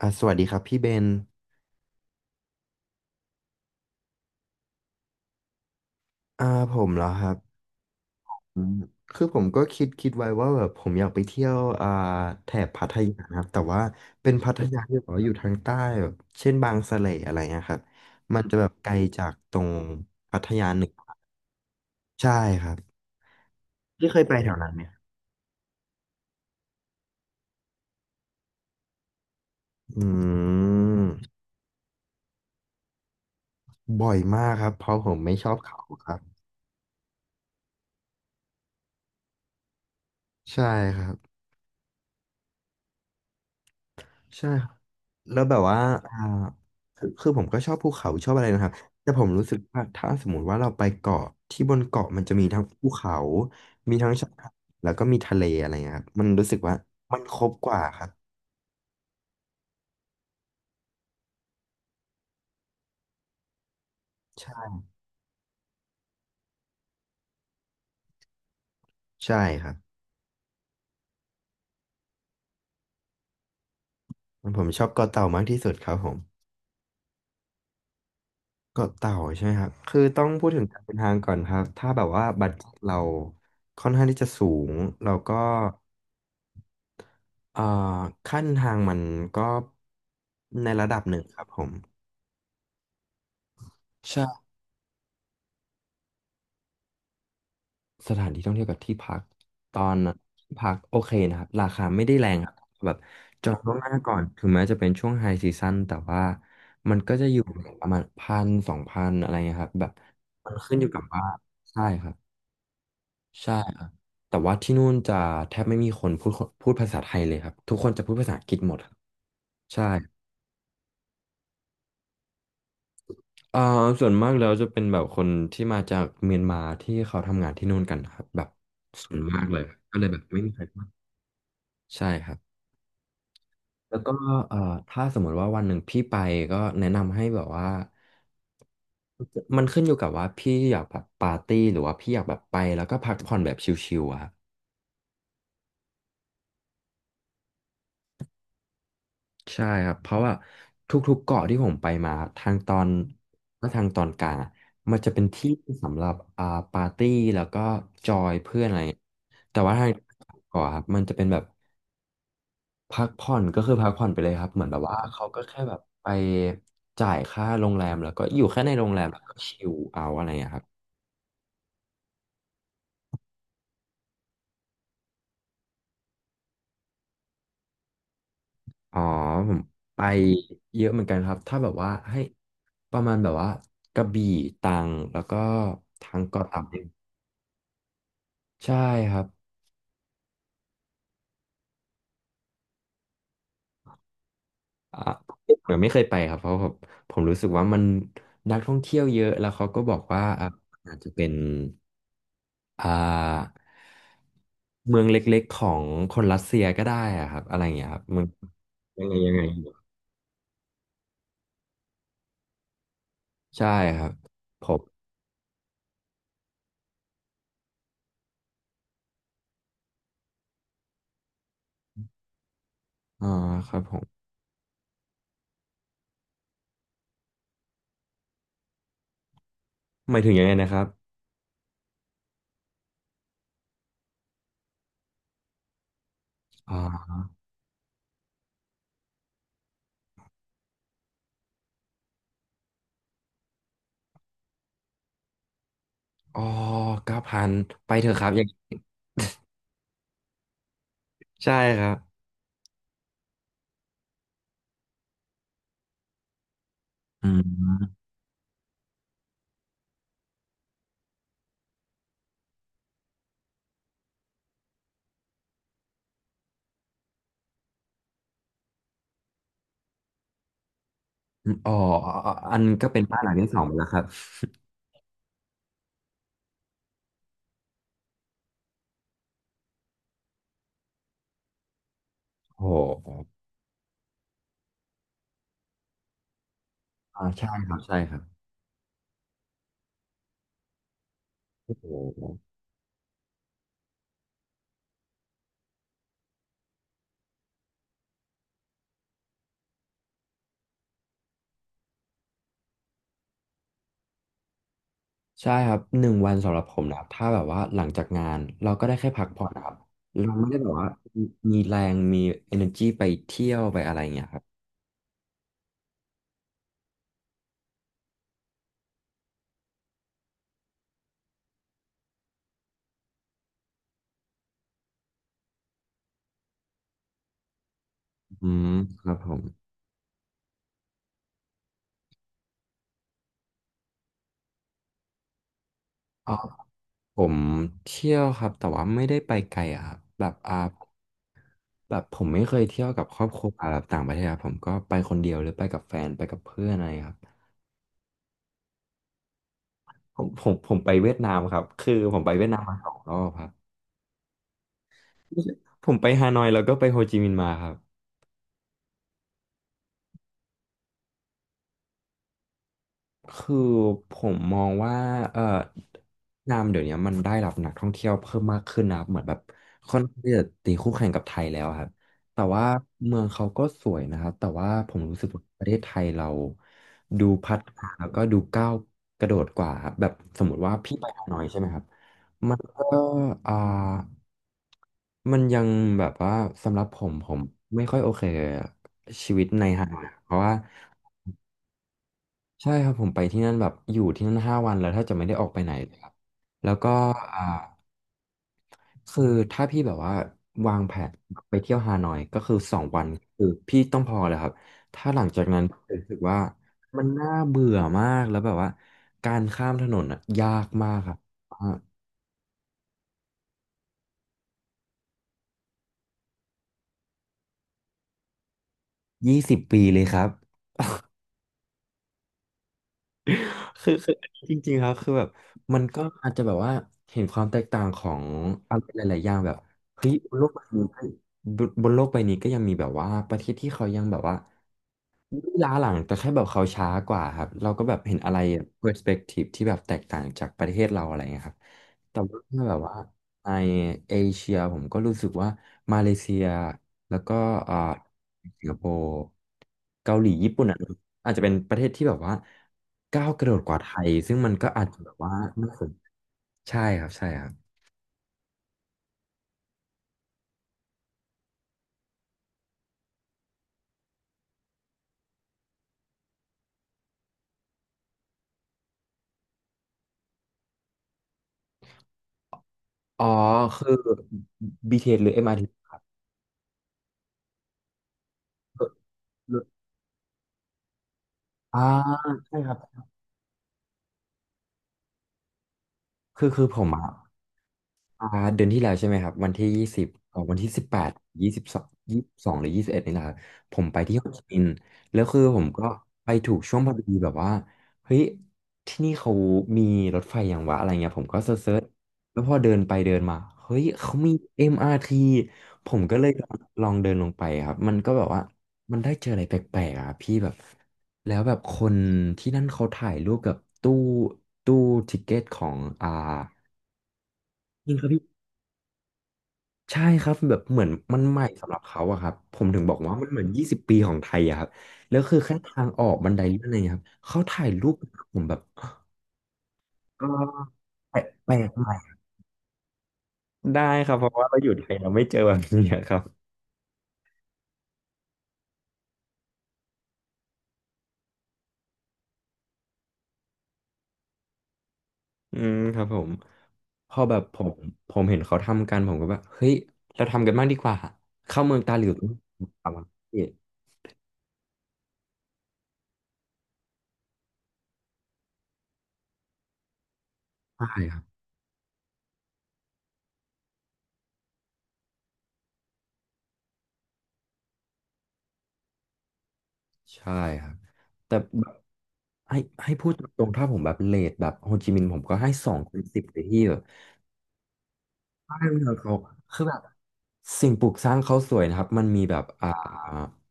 สวัสดีครับพี่เบนอ่าผมเหรอครับอืมคือผมก็คิดไว้ว่าแบบผมอยากไปเที่ยวแถบพัทยานะครับแต่ว่าเป็นพัทยาที่แบบว่าอยู่ทางใต้แบบเช่นบางสะเลอะไรเงี้ยครับมันจะแบบไกลจากตรงพัทยาเหนึ่งใช่ครับพี่เคยไปแถวนั้นไหมอืมบ่อยมากครับเพราะผมไม่ชอบเขาครับใช่ครับ ใช่ครับแล้วแบบว่าอ่าคือผมก็ชอบภูเขาชอบอะไรนะครับแต่ผมรู้สึกว่าถ้าสมมติว่าเราไปเกาะที่บนเกาะมันจะมีทั้งภูเขามีทั้งชายหาดแล้วก็มีทะเลอะไรเงี้ยครับมันรู้สึกว่ามันครบกว่าครับใช่ใช่ครับผมชอบเกาะเต่ามากที่สุดครับผมเกาะเต่าใช่ไหมครับคือต้องพูดถึงการเดินทางก่อนครับถ้าแบบว่าบัตเเราค่อนข้างที่จะสูงเราก็เอ่อขั้นทางมันก็ในระดับหนึ่งครับผมใช่ สถานที่ท่องเที่ยวกับที่พักตอนที่พักโอเคนะครับราคาไม่ได้แรงครับแบบจองล่วงหน้าก่อนถึงแม้จะเป็นช่วงไฮซีซั o นแต่ว่ามันก็จะอยู่ประมาณ1,000-2,000อะไรเงี้ยครับแบบมันขึ้นอยู่กับว่าใช่ครับใช่ครับแต่ว่าที่นู่นจะแทบไม่มีคนพูดภาษาไทยเลยครับทุกคนจะพูดภาษาอังกฤษหมดครับใช่เอ่อส่วนมากแล้วจะเป็นแบบคนที่มาจากเมียนมาที่เขาทำงานที่นู่นกันครับแบบส่วนมากเลยก็เลยแบบไม่มีใครพูดใช่ครับ แล้วก็เอ่อถ้าสมมติว่าวันหนึ่งพี่ไปก็แนะนำให้แบบว่ามันขึ้นอยู่กับว่าพี่อยากแบบปาร์ตี้หรือว่าพี่อยากแบบไปแล้วก็พักผ่อนแบบชิลๆอะครับใช่ครับเพราะว่าทุกๆเกาะที่ผมไปมาทางตอนและทางตอนกลางอะมันจะเป็นที่สำหรับปาร์ตี้แล้วก็จอยเพื่อนอะไรเงี้ยแต่ว่าทางเกาะครับมันจะเป็นแบบ พักผ่อนก็คือพักผ่อนไปเลยครับเหมือนแบบว่าเขาก็แค่แบบไปจ่ายค่าโรงแรมแล้วก็อยู่แค่ในโรงแรมแล้วก็ชิลเอาอะไรอย่างเงี้ยครับอ๋อผมไปเยอะเหมือนกันครับถ้าแบบว่าให้ประมาณแบบว่ากระบี่ตรังแล้วก็ทางเกาะเต่าเนี่ยใช่ครับอ่ะผมยังไม่เคยไปครับเพราะผมรู้สึกว่ามันนักท่องเที่ยวเยอะแล้วเขาก็บอกว่าอ่ะอาจจะเป็น อ่าเมืองเล็กๆของคนรัสเซียก็ได้อะครับอะไรอย่างเงี้ยครับเมืองยังไงยังไงใช่ครับผมอ่าครับผมหมายถึงยังไงนะครับอ่าอ๋อ9,000ไปเถอะครับอย่างใช่ครับอืมอ๋ออันก็เป็นบ้านหลังที่สองแล้วครับโอ้โหใช่ครับใช่ครับโอ้โห ใช่ครับ1 วันสำหรับผมนะครับถ้าแบบว่าหลังจากงานเราก็ได้แค่พักผ่อนนะครับเราไม่ได้แบบว่ามีแรงมี energy ไปเที่ยวไปอะไรอย่างเงี้ยครับอืมครับผมอ๋อผมเที่ยวครับแต่ว่าไม่ได้ไปไกลอะครับแบบแบบผมไม่เคยเที่ยวกับครอบครัวแบบต่างประเทศครับผมก็ไปคนเดียวหรือไปกับแฟนไปกับเพื่อนอะไรครับผมไปเวียดนามครับคือผมไปเวียดนามมา2 รอบครับผมไปฮานอยแล้วก็ไปโฮจิมินห์มาครับ คือผมมองว่าเอ่อเวียดนามเดี๋ยวนี้มันได้รับนักท่องเที่ยวเพิ่มมากขึ้นนะครับเหมือนแบบค่อนข้างที่จะตีคู่แข่งกับไทยแล้วครับแต่ว่าเมืองเขาก็สวยนะครับแต่ว่าผมรู้สึกว่าประเทศไทยเราดูพัฒนาแล้วก็ดูก้าวกระโดดกว่าครับแบบสมมติว่าพี่ไปฮานอยใช่ไหมครับมันก็อ่ามันยังแบบว่าสำหรับผมไม่ค่อยโอเคกับชีวิตในฮานอยเพราะว่า ใช่ครับผมไปที่นั่นแบบอยู่ที่นั่น5 วันแล้วถ้าจะไม่ได้ออกไปไหนเลยครับแล้วก็อ่าคือถ้าพี่แบบว่าวางแผนไปเที่ยวฮานอยก็คือ2 วันคือพี่ต้องพอแล้วครับถ้าหลังจากนั้นรู้สึกว่ามันน่าเบื่อมากแล้วแบบว่าการข้ามถนนอ่ะยากมากครับ20 ปีเลยครับ คืออันนี้จริงๆครับคือแบบมันก็อาจจะแบบว่าเห็นความแตกต่างของอะไรหลายๆอย่างแบบเฮ้ยบนโลกใบนี้ก็บนโลกใบนี้ก็ยังมีแบบว่าประเทศที่เขายังแบบว่า ล้าหลังแต่แค่แบบเขาช้ากว่าครับเราก็แบบเห็นอะไรเ e อร์สเปกทีฟที่แบบแตกต่างจากประเทศเราอะไรเงี้ยครับแต่ว่าถ้าแบบว่าในเอเชียผมก็รู้สึกว่ามาเลเซียแล้วก็อ่าสิงคโปร์เกาหลีญี่ปุ่นอ่ะอาจจะเป็นประเทศที่แบบว่าก้าวกระโดดกว่าไทยซึ่งมันก็อาจจะแบบว่าน่าสนใช่ครับใช่ครับอ๋อคือ BTS หรือ MRT อมอาร์ทีอ่าใช่ครับ คือผมอะอ่าเดือนที่แล้วใช่ไหมครับวันที่ 20ออกวันที่ 18ยี่สิบสองหรือยี่สิบเอ็ดนี่แหละครับผมไปที่โฮจิมินห์แล้วคือผมก็ไปถูกช่วงพอดีแบบว่าเฮ้ยที่นี่เขามีรถไฟอย่างวะอะไรเงี้ยผมก็เซิร์ชๆแล้วพอเดินไปเดินมาเฮ้ยเขามี MRT ผมก็เลยลองเดินลงไปครับมันก็แบบว่ามันได้เจออะไรแปลกๆอ่ะพี่แบบ แล้วแบบคนที่นั่นเขาถ่ายรูปกับตู้ทิกเก็ตของจริงครับพี่ใช่ครับแบบเหมือนมันใหม่สำหรับเขาอะครับผมถึงบอกว่ามันเหมือน20 ปีของไทยอะครับแล้วคือแค่ทางออกบันไดเลื่อนอะไรเงี้ยครับเขาถ่ายรูปกับผมแบบ่แปลกแปลกใหม่ได้ครับเพราะว่าเราอยู่ไทยเราไม่เจอแบบนี้ครับอืมครับผมพอแบบผมเห็นเขาทำกันผมก็แบบเฮ้ยเราทำกันบ้างดีกว่าเข้าเมืองตาหลิวต้องทำอะไรใช่ครับ ใช่ครับแต่แบบให้ให้พูดตรงๆถ้าผมแบบเลทแบบโฮจิมินห์ผมก็ให้สองเป็นสิบเลยที่แบบบ้านเมืองเขาคือแบบสิ่งปลูกสร้างเขาสวยนะครับมันมีแบบ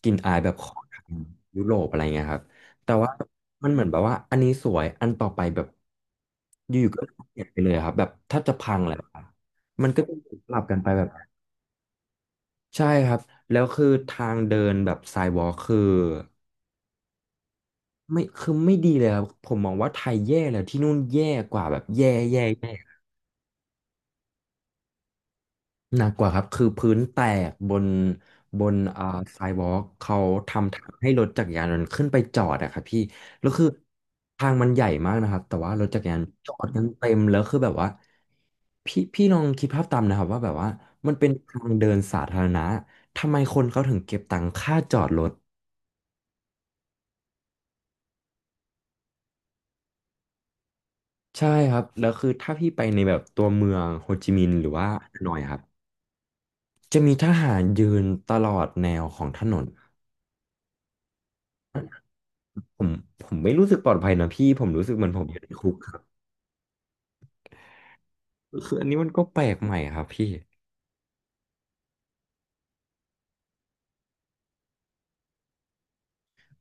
กลิ่นอายแบบของทางยุโรปอะไรเงี้ยครับแต่ว่ามันเหมือนแบบว่าอันนี้สวยอันต่อไปแบบอยู่ๆก็เปลี่ยนไปเลยครับแบบแทบจะพังเลยครับมันก็จะสลับกันไปแบบใช่ครับแล้วคือทางเดินแบบไซวอล์คคือ ไม่คือไม่ดีเลยครับผมมองว่าไทยแย่แล้วที่นู่นแย่กว่าแบบแย่แย่แย่หนักกว่าครับคือพื้นแตกบนอ่าไซวอล์กเขาทำทางให้รถจักรยานยนต์ขึ้นไปจอดอะครับพี่แล้วคือทางมันใหญ่มากนะครับแต่ว่ารถจักรยานจอดกันเต็มแล้วคือแบบว่าพี่ลองคิดภาพตามนะครับว่าแบบว่ามันเป็นทางเดินสาธารณะทำไมคนเขาถึงเก็บตังค่าจอดรถใช่ครับแล้วคือถ้าพี่ไปในแบบตัวเมืองโฮจิมินห์หรือว่าฮานอยครับ จะมีทหารยืนตลอดแนวของถนนผมผมไม่รู้สึกปลอดภัยนะพี่ผมรู้สึกเหมือนผมอยู่ในคุกครับคืออันนี้มันก็แปลกใหม่ครับพี่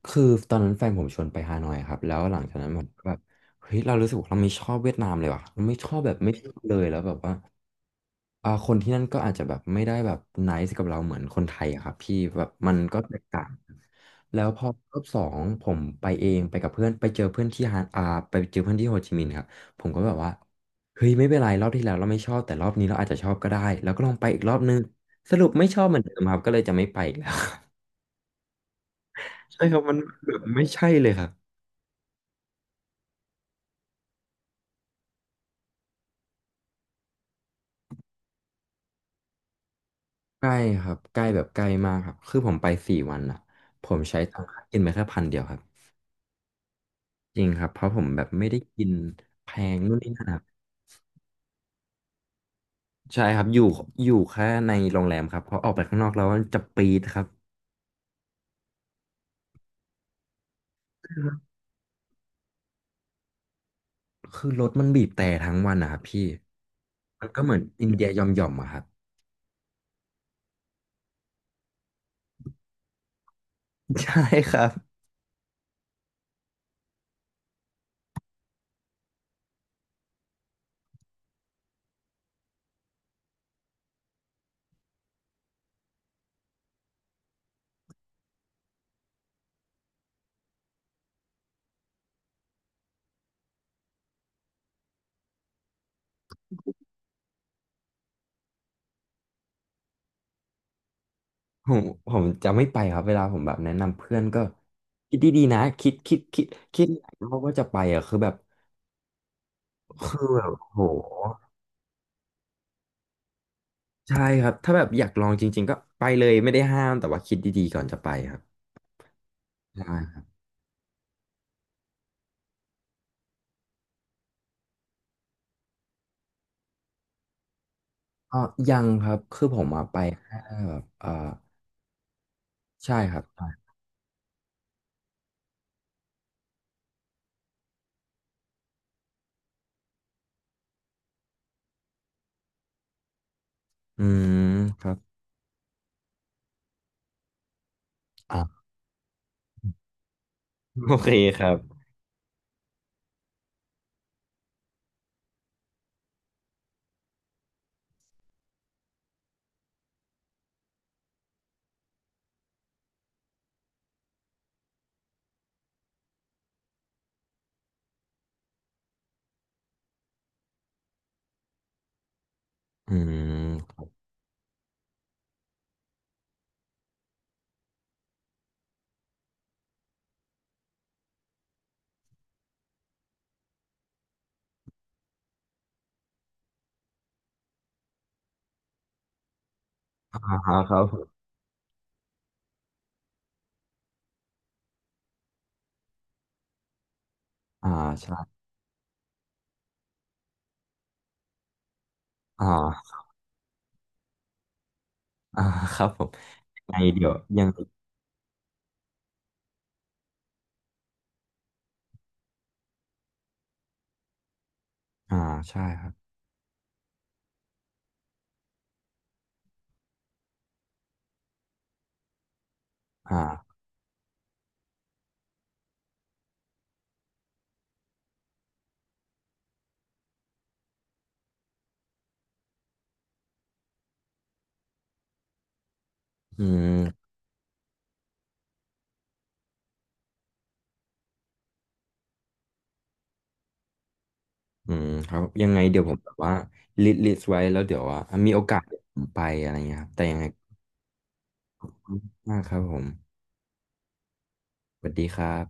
คือตอนนั้นแฟนผมชวนไปฮานอยครับแล้วหลังจากนั้นผมก็แบบเฮ้ยเรารู้สึกว่าเราไม่ชอบเวียดนามเลยว่ะเราไม่ชอบแบบไม่ชอบเลยแล้วแบบว่าคนที่นั่นก็อาจจะแบบไม่ได้แบบไนซ์กับเราเหมือนคนไทยอะครับพี่แบบมันก็แตกต่าง แล้วพอรอบสองผมไปเองไปกับเพื่อนไปเจอเพื่อนที่โฮจิมินห์ครับผมก็แบบว่าเฮ้ยไม่เป็นไรรอบที่แล้วเราไม่ชอบแต่รอบนี้เราอาจจะชอบก็ได้แล้วก็ลองไปอีกรอบนึงสรุปไม่ชอบเหมือนเดิมครับก็เลยจะไม่ไปอีกแล้ว ใช่ครับมันแบบไม่ใช่เลยครับใกล้ครับใกล้แบบใกล้มากครับคือผมไป4 วันอ่ะผมใช้ตังค่ากินไปแค่พันเดียวครับจริงครับเพราะผมแบบไม่ได้กินแพงนู่นนี่นั่นครับใช่ครับอยู่แค่ในโรงแรมครับเพราะออกไปข้างนอกแล้วมันจะปีดครับ คือรถมันบีบแต่ทั้งวันนะครับพี่ มันก็เหมือนอินเดียยอมยอมอะครับ ใช่ครับผมจะไม่ไปครับเวลาผมแบบแนะนำเพื่อนก็คิดดีๆนะคิดหลายรอบว่าจะไปอะคือแบบโหใช่ครับถ้าแบบอยากลองจริงๆก็ไปเลยไม่ได้ห้ามแต่ว่าคิดดีๆก่อนจะไปครับใช่ครับอ๋อยังครับคือผมอะไปแค่แบบเออใช่ครับใช่อืมครับอ่ะ โอเคครับอืมอ่าครับผมอ่าใช่ อ่า อ่าครับผมยังไงเดี๋ยวยังอ่าใช่ครับอ่าอืมอืมครับยังไงเดี๋ยวผมแบบว่าลิสต์ไว้แล้วเดี๋ยวว่ามีโอกาสเดี๋ยวผมไปอะไรเงี้ยครับแต่ยังไงมากครับผมสวัสดีครับ